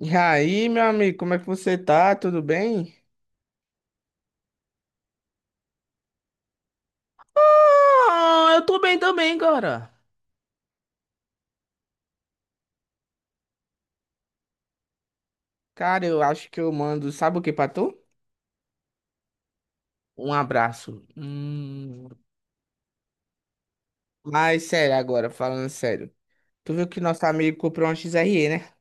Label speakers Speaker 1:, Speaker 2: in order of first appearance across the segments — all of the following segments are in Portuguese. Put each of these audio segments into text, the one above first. Speaker 1: E aí, meu amigo, como é que você tá? Tudo bem? Ah, eu tô bem também, cara. Cara, eu acho que eu mando, sabe o que pra tu? Um abraço. Mas sério agora, falando sério. Tu viu que nosso amigo comprou uma XRE, né?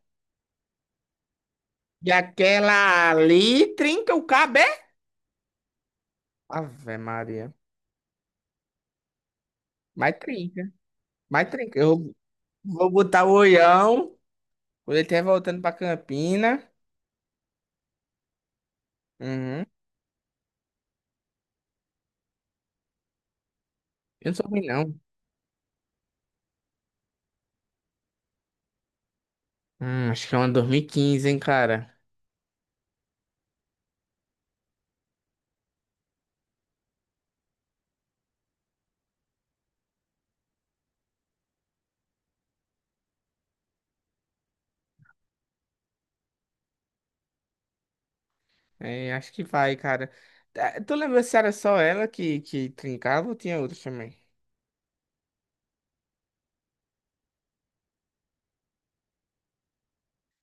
Speaker 1: E aquela ali trinca o cabo, é? Ave Maria. Mas trinca. Mas trinca. Eu vou botar o olhão quando ele estiver voltando pra Campina. Uhum. Eu não sou ruim, não. Acho que é uma 2015, hein, cara? É, acho que vai, cara. Tá, tu lembra se era só ela que trincava ou tinha outras também?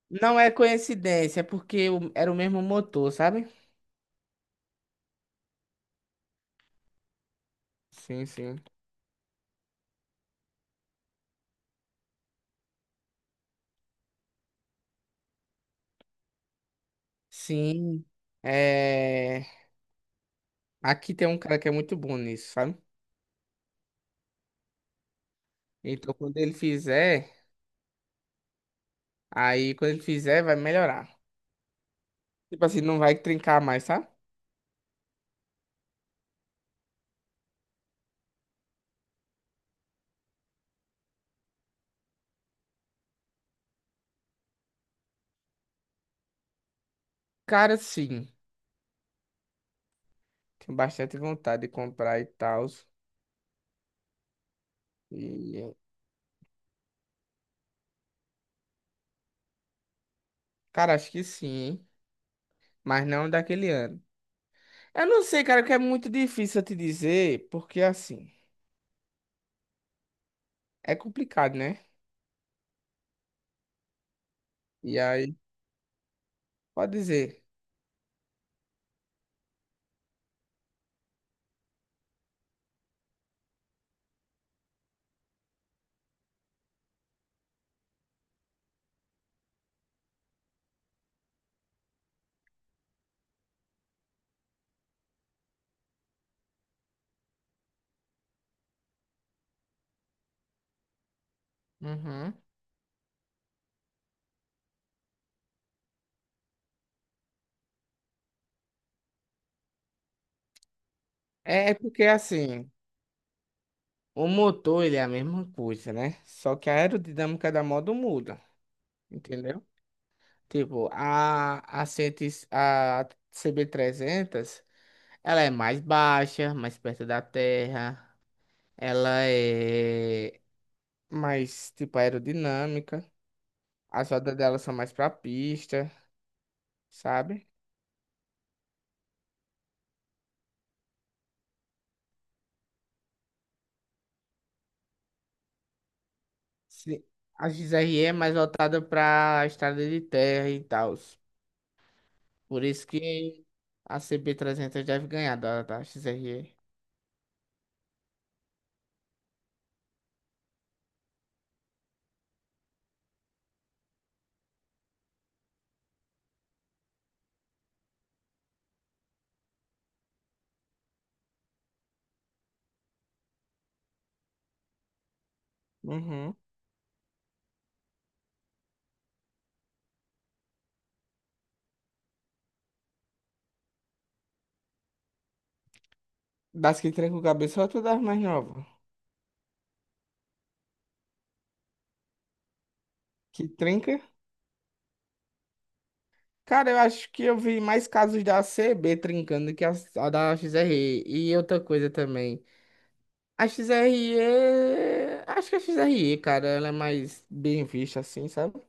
Speaker 1: Não é coincidência, é porque era o mesmo motor, sabe? Sim, sim. Sim. É... Aqui tem um cara que é muito bom nisso, sabe? Então quando ele fizer, quando ele fizer, vai melhorar. Tipo assim, não vai trincar mais, sabe? Cara, sim. Tenho bastante vontade de comprar e tal. E... Cara, acho que sim, hein? Mas não daquele ano. Eu não sei, cara, que é muito difícil eu te dizer, porque assim, é complicado, né? E aí, pode dizer. Uhum. É porque assim, o motor ele é a mesma coisa, né? Só que a aerodinâmica da moto muda, entendeu? Tipo, a, 100 a CB300, ela é mais baixa, mais perto da terra, ela é mais, tipo, aerodinâmica, as rodas dela são mais pra pista, sabe? Sim, a XRE é mais voltada para a estrada de terra e tal. Por isso que a CB300 deve ganhar da XRE. Uhum. Das que tranca o cabeçote ou das mais novas? Que trinca? Cara, eu acho que eu vi mais casos da CB trincando que a da XRE. E outra coisa também. A XRE. Acho que a XRE, cara, ela é mais bem vista assim, sabe?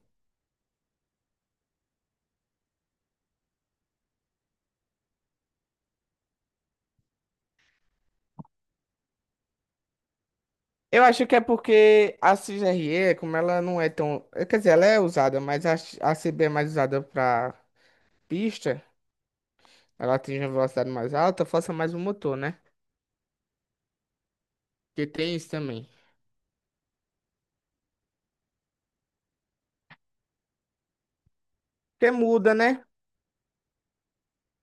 Speaker 1: Eu acho que é porque a CGRE, como ela não é tão, quer dizer, ela é usada, mas a CB é mais usada pra pista, ela atinge uma velocidade mais alta, força mais o motor, né? Que tem isso também. Porque muda, né?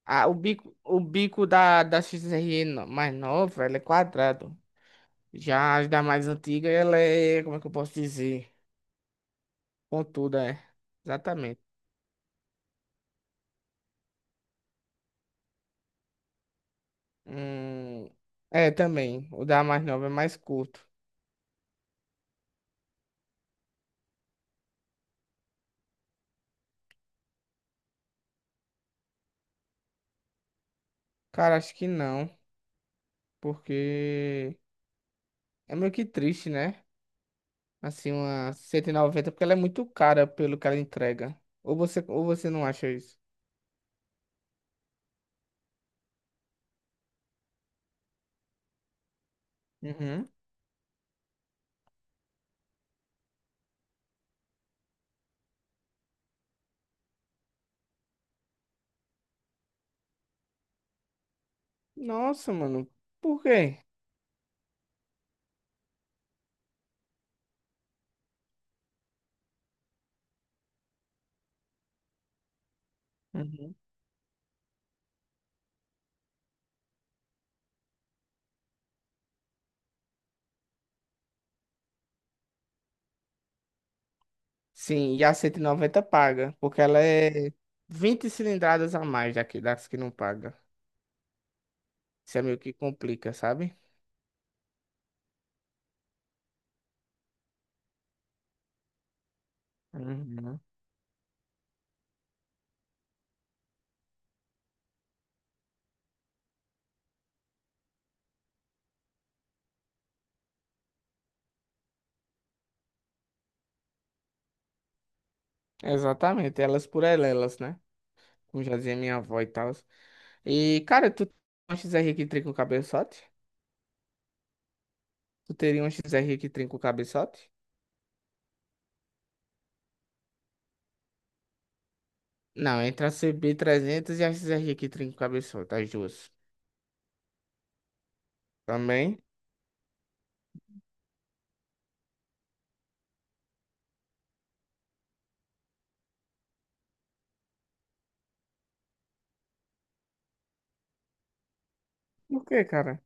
Speaker 1: Ah, o bico da XRE mais nova, ela é quadrado. Já as da mais antiga, ela é. Como é que eu posso dizer? Pontuda, é. Exatamente. Hum, é, também. O da mais nova é mais curto. Cara, acho que não, porque. É meio que triste, né? Assim, uma 190 porque ela é muito cara pelo que ela entrega. Ou você não acha isso? Uhum. Nossa, mano. Por quê? Uhum. Sim, e a 190 paga, porque ela é 20 cilindradas a mais daqui, das que não paga. Isso é meio que complica, sabe? Uhum. Exatamente, elas por elas, né? Como já dizia minha avó e tal. E, cara, tu tem uma XR que trinca o cabeçote? Tu teria uma XR que trinca o cabeçote? Não, entre a CB300 e a XRG-35 cabeçota, as duas. Também? Por quê, cara?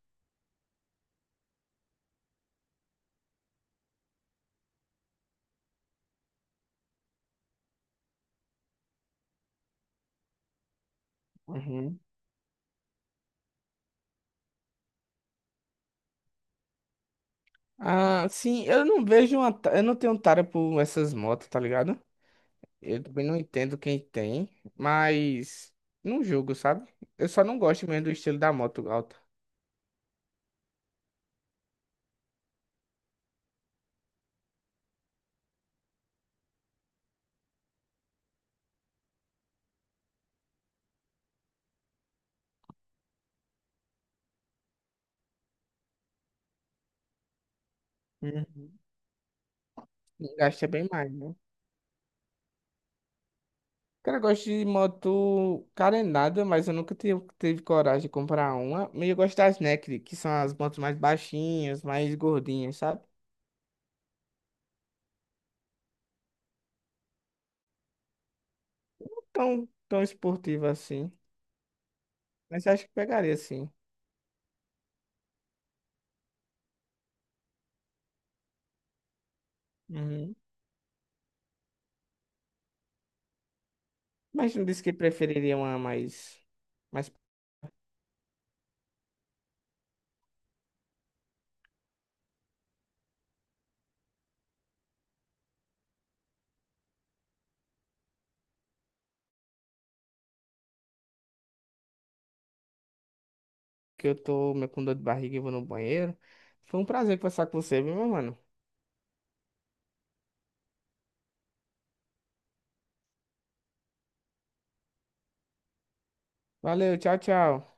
Speaker 1: Uhum. Ah, sim, eu não vejo uma. Eu não tenho tara por essas motos, tá ligado? Eu também não entendo quem tem, mas não julgo, sabe? Eu só não gosto mesmo do estilo da moto alta. Uhum. Gasta bem mais, né? Cara, eu gosto de moto carenada, mas eu nunca tive coragem de comprar uma. Mas eu gosto das Naked, que são as motos mais baixinhas, mais gordinhas, sabe? Tão, tão esportivo assim. Mas acho que pegaria sim. Uhum. Mas não disse que preferiria uma mais. Mas porque eu tô meio com dor de barriga e vou no banheiro. Foi um prazer conversar com você, viu, meu mano? Valeu, tchau, tchau.